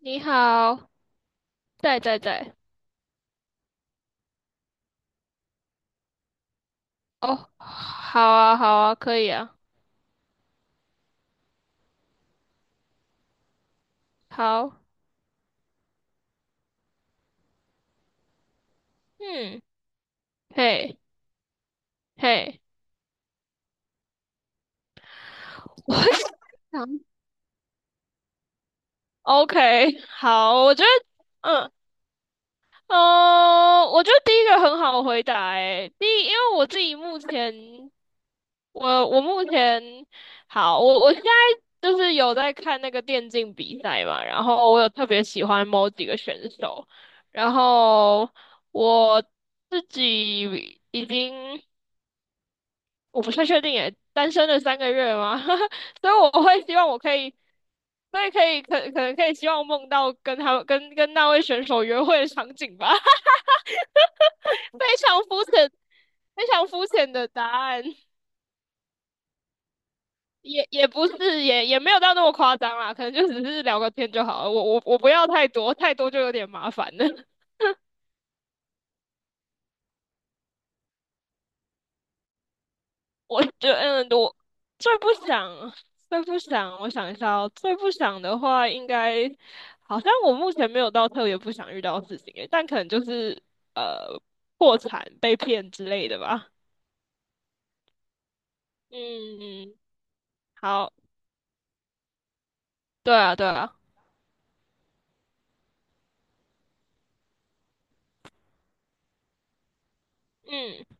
你好，在，哦，好啊，好啊，可以啊，好，嗯，嘿，嘿，我想，OK，好，我觉得，嗯，哦，我觉得第一个很好回答，诶，第一，因为我自己目前，我目前，好，我现在就是有在看那个电竞比赛嘛，然后我有特别喜欢某几个选手，然后我自己已经。我不太确定耶，单身了3个月吗？所以我会希望我可以，所以可能可以希望梦到跟他跟跟那位选手约会的场景吧，非常肤浅，非常肤浅的答案，也不是,也没有到那么夸张啦，可能就只是聊个天就好了，我不要太多，太多就有点麻烦了。我觉得我最不想，最不想，我想一下哦，最不想的话，应该好像我目前没有到特别不想遇到的事情诶，但可能就是呃破产、被骗之类的吧。嗯，好，对啊，对啊，嗯，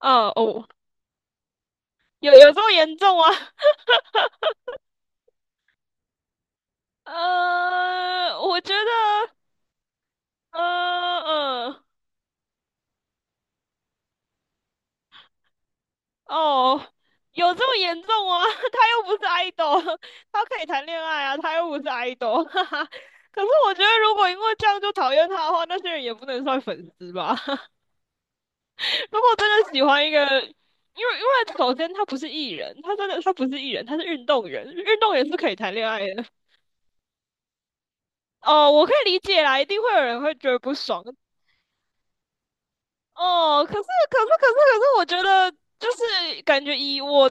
哦哦，有有这么严重啊？我觉得，呃嗯。哦，有这么严重吗？他又不是 idol,他可以谈恋爱啊，他又不是 idol,哈哈。可是我觉得，如果因为这样就讨厌他的话，那些人也不能算粉丝吧？如果真的喜欢一个，因为因为首先他不是艺人，他真的他不是艺人，他是运动员，运动员是可以谈恋爱的。哦，我可以理解啦，一定会有人会觉得不爽。哦，可是，我觉得就是感觉以我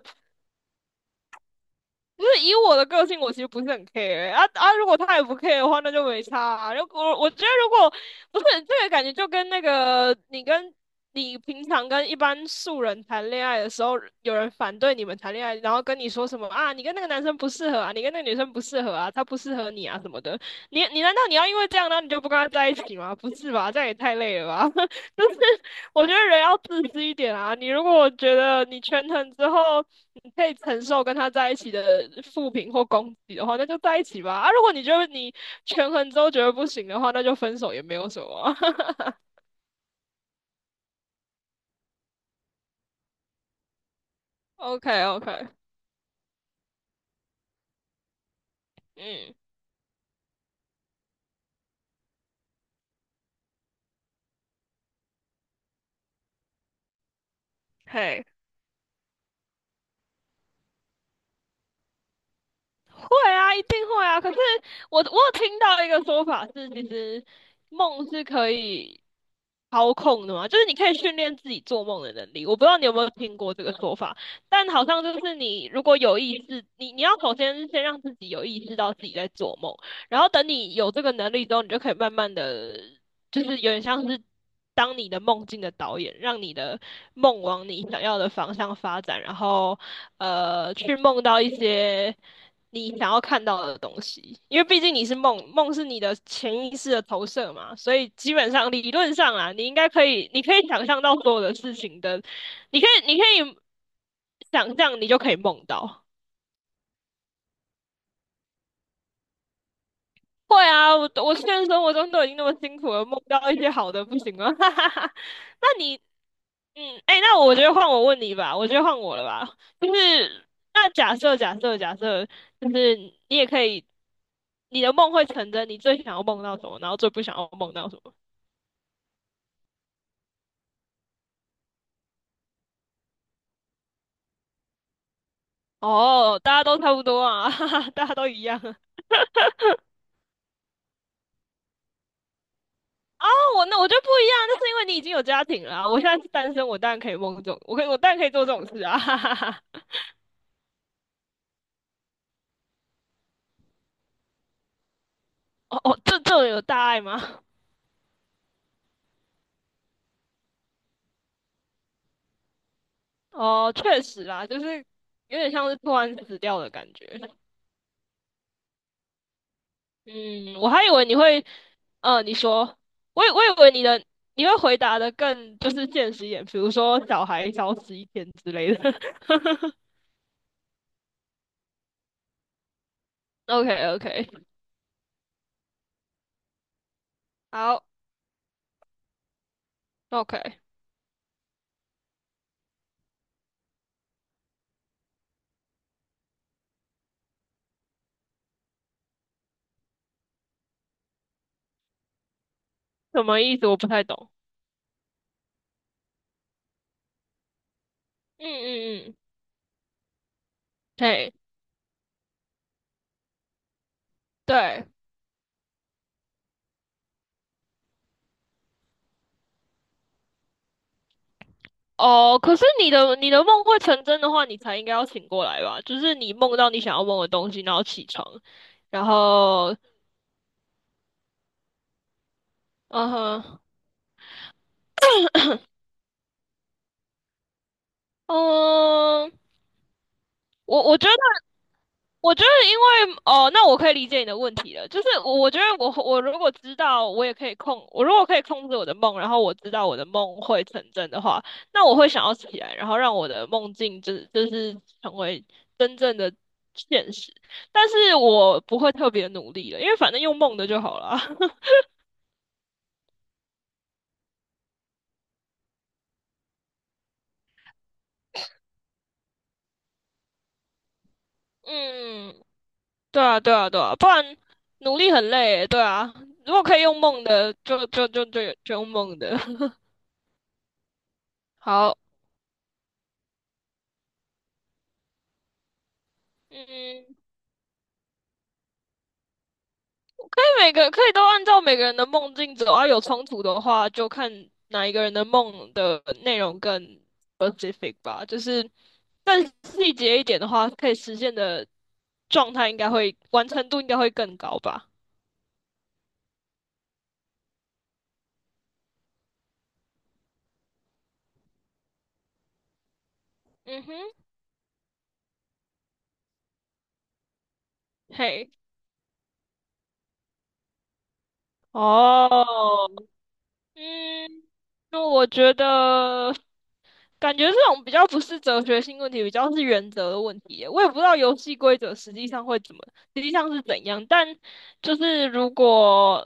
不是以我的个性，我其实不是很 care 欸啊啊！如果他也不 care 的话，那就没差啊。如果我觉得，如果不是这个感觉，就跟那个你平常跟一般素人谈恋爱的时候，有人反对你们谈恋爱，然后跟你说什么啊，你跟那个男生不适合啊，你跟那个女生不适合啊，他不适合你啊什么的。你难道要因为这样，然后你就不跟他在一起吗？不是吧，这样也太累了吧！就是我觉得人要自私一点啊。你如果觉得你权衡之后。你可以承受跟他在一起的负评或攻击的话，那就在一起吧。啊，如果你觉得你权衡之后觉得不行的话，那就分手也没有什么 OK OK,嗯，嘿，会啊，一定会啊。可是我有听到一个说法是，其实梦是可以操控的嘛，就是你可以训练自己做梦的能力。我不知道你有没有听过这个说法，但好像就是你如果有意识，你要首先先让自己有意识到自己在做梦，然后等你有这个能力之后，你就可以慢慢的，就是有点像是当你的梦境的导演，让你的梦往你想要的方向发展，然后去梦到一些。你想要看到的东西，因为毕竟你是梦，梦是你的潜意识的投射嘛，所以基本上理论上啊，你应该可以，你可以想象到所有的事情的，你可以，你可以想象，你就可以梦到。会啊，我现实生活中都已经那么辛苦了，梦到一些好的不行吗？哈哈哈。那你，嗯，哎，那我觉得换我问你吧，我觉得换我了吧，就是那假设，就是你也可以。你的梦会成真，你最想要梦到什么，然后最不想要梦到什么？哦，大家都差不多啊，哈哈，大家都一样啊。啊我那我就不一样，那是因为你已经有家庭了啊我现在是单身，我当然可以梦这种，我当然可以做这种事啊，哈哈哈。哦哦，这这种有大爱吗？哦，确实啦，就是有点像是突然死掉的感觉。嗯，我还以为你会，你说，我以为你的你会回答的更就是现实一点，比如说小孩消失一天之类的。OK OK,好。OK,什么意思？我不太懂。嗯嗯嗯，嘿，对，哦，可是你的梦会成真的话，你才应该要醒过来吧？就是你梦到你想要梦的东西，然后起床，然后，嗯哼，嗯，我我觉得我觉得，因为哦，那我可以理解你的问题了。就是我，我觉得我如果知道，我也可以控，我如果可以控制我的梦，然后我知道我的梦会成真的话，那我会想要起来，然后让我的梦境就是成为真正的现实。但是我不会特别努力了，因为反正用梦的就好了。嗯，对啊，对啊，对啊，不然努力很累欸。对啊，如果可以用梦的，就用梦的。好，嗯。每个可以都按照每个人的梦境走啊，有冲突的话就看哪一个人的梦的内容更 specific 吧，就是更细节一点的话，可以实现的状态应该会完成度应该会更高吧。嗯哼，嘿，哦，嗯，那我觉得感觉这种比较不是哲学性问题，比较是原则的问题耶我也不知道游戏规则实际上会怎么，实际上是怎样，但就是如果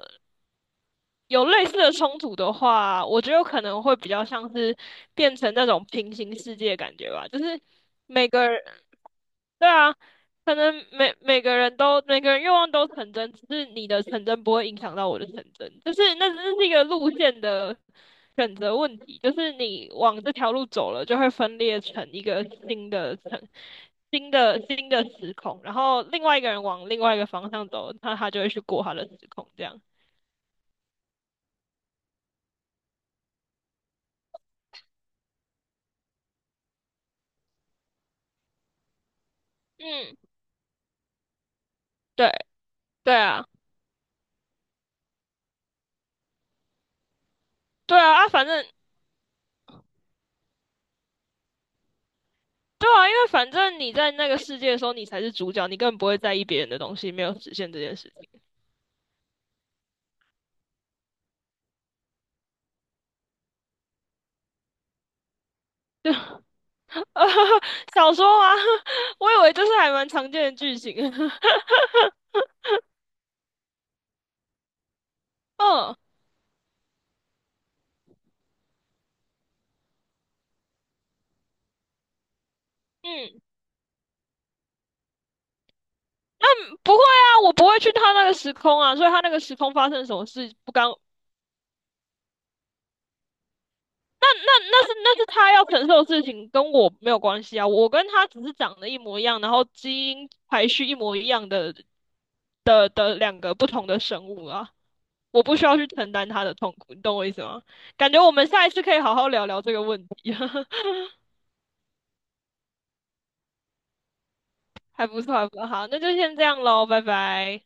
有类似的冲突的话，我觉得可能会比较像是变成那种平行世界的感觉吧，就是每个人，对啊，可能每个人愿望都成真，只是你的成真不会影响到我的成真，就是那只是一个路线的选择问题，就是你往这条路走了，就会分裂成一个新的层。新的时空，然后另外一个人往另外一个方向走，那他就会去过他的时空，这样。嗯，对。对啊，对啊，啊，反正对啊，因为反正你在那个世界的时候，你才是主角，你根本不会在意别人的东西没有实现这件事情。小说吗？我以为这是还蛮常见的剧情。嗯嗯，不会啊，我不会去他那个时空啊，所以他那个时空发生什么事不干，那那是他要承受的事情，跟我没有关系啊。我跟他只是长得一模一样，然后基因排序一模一样的的两个不同的生物啊。我不需要去承担他的痛苦，你懂我意思吗？感觉我们下一次可以好好聊聊这个问题，还不错，还不错。好，那就先这样喽，拜拜。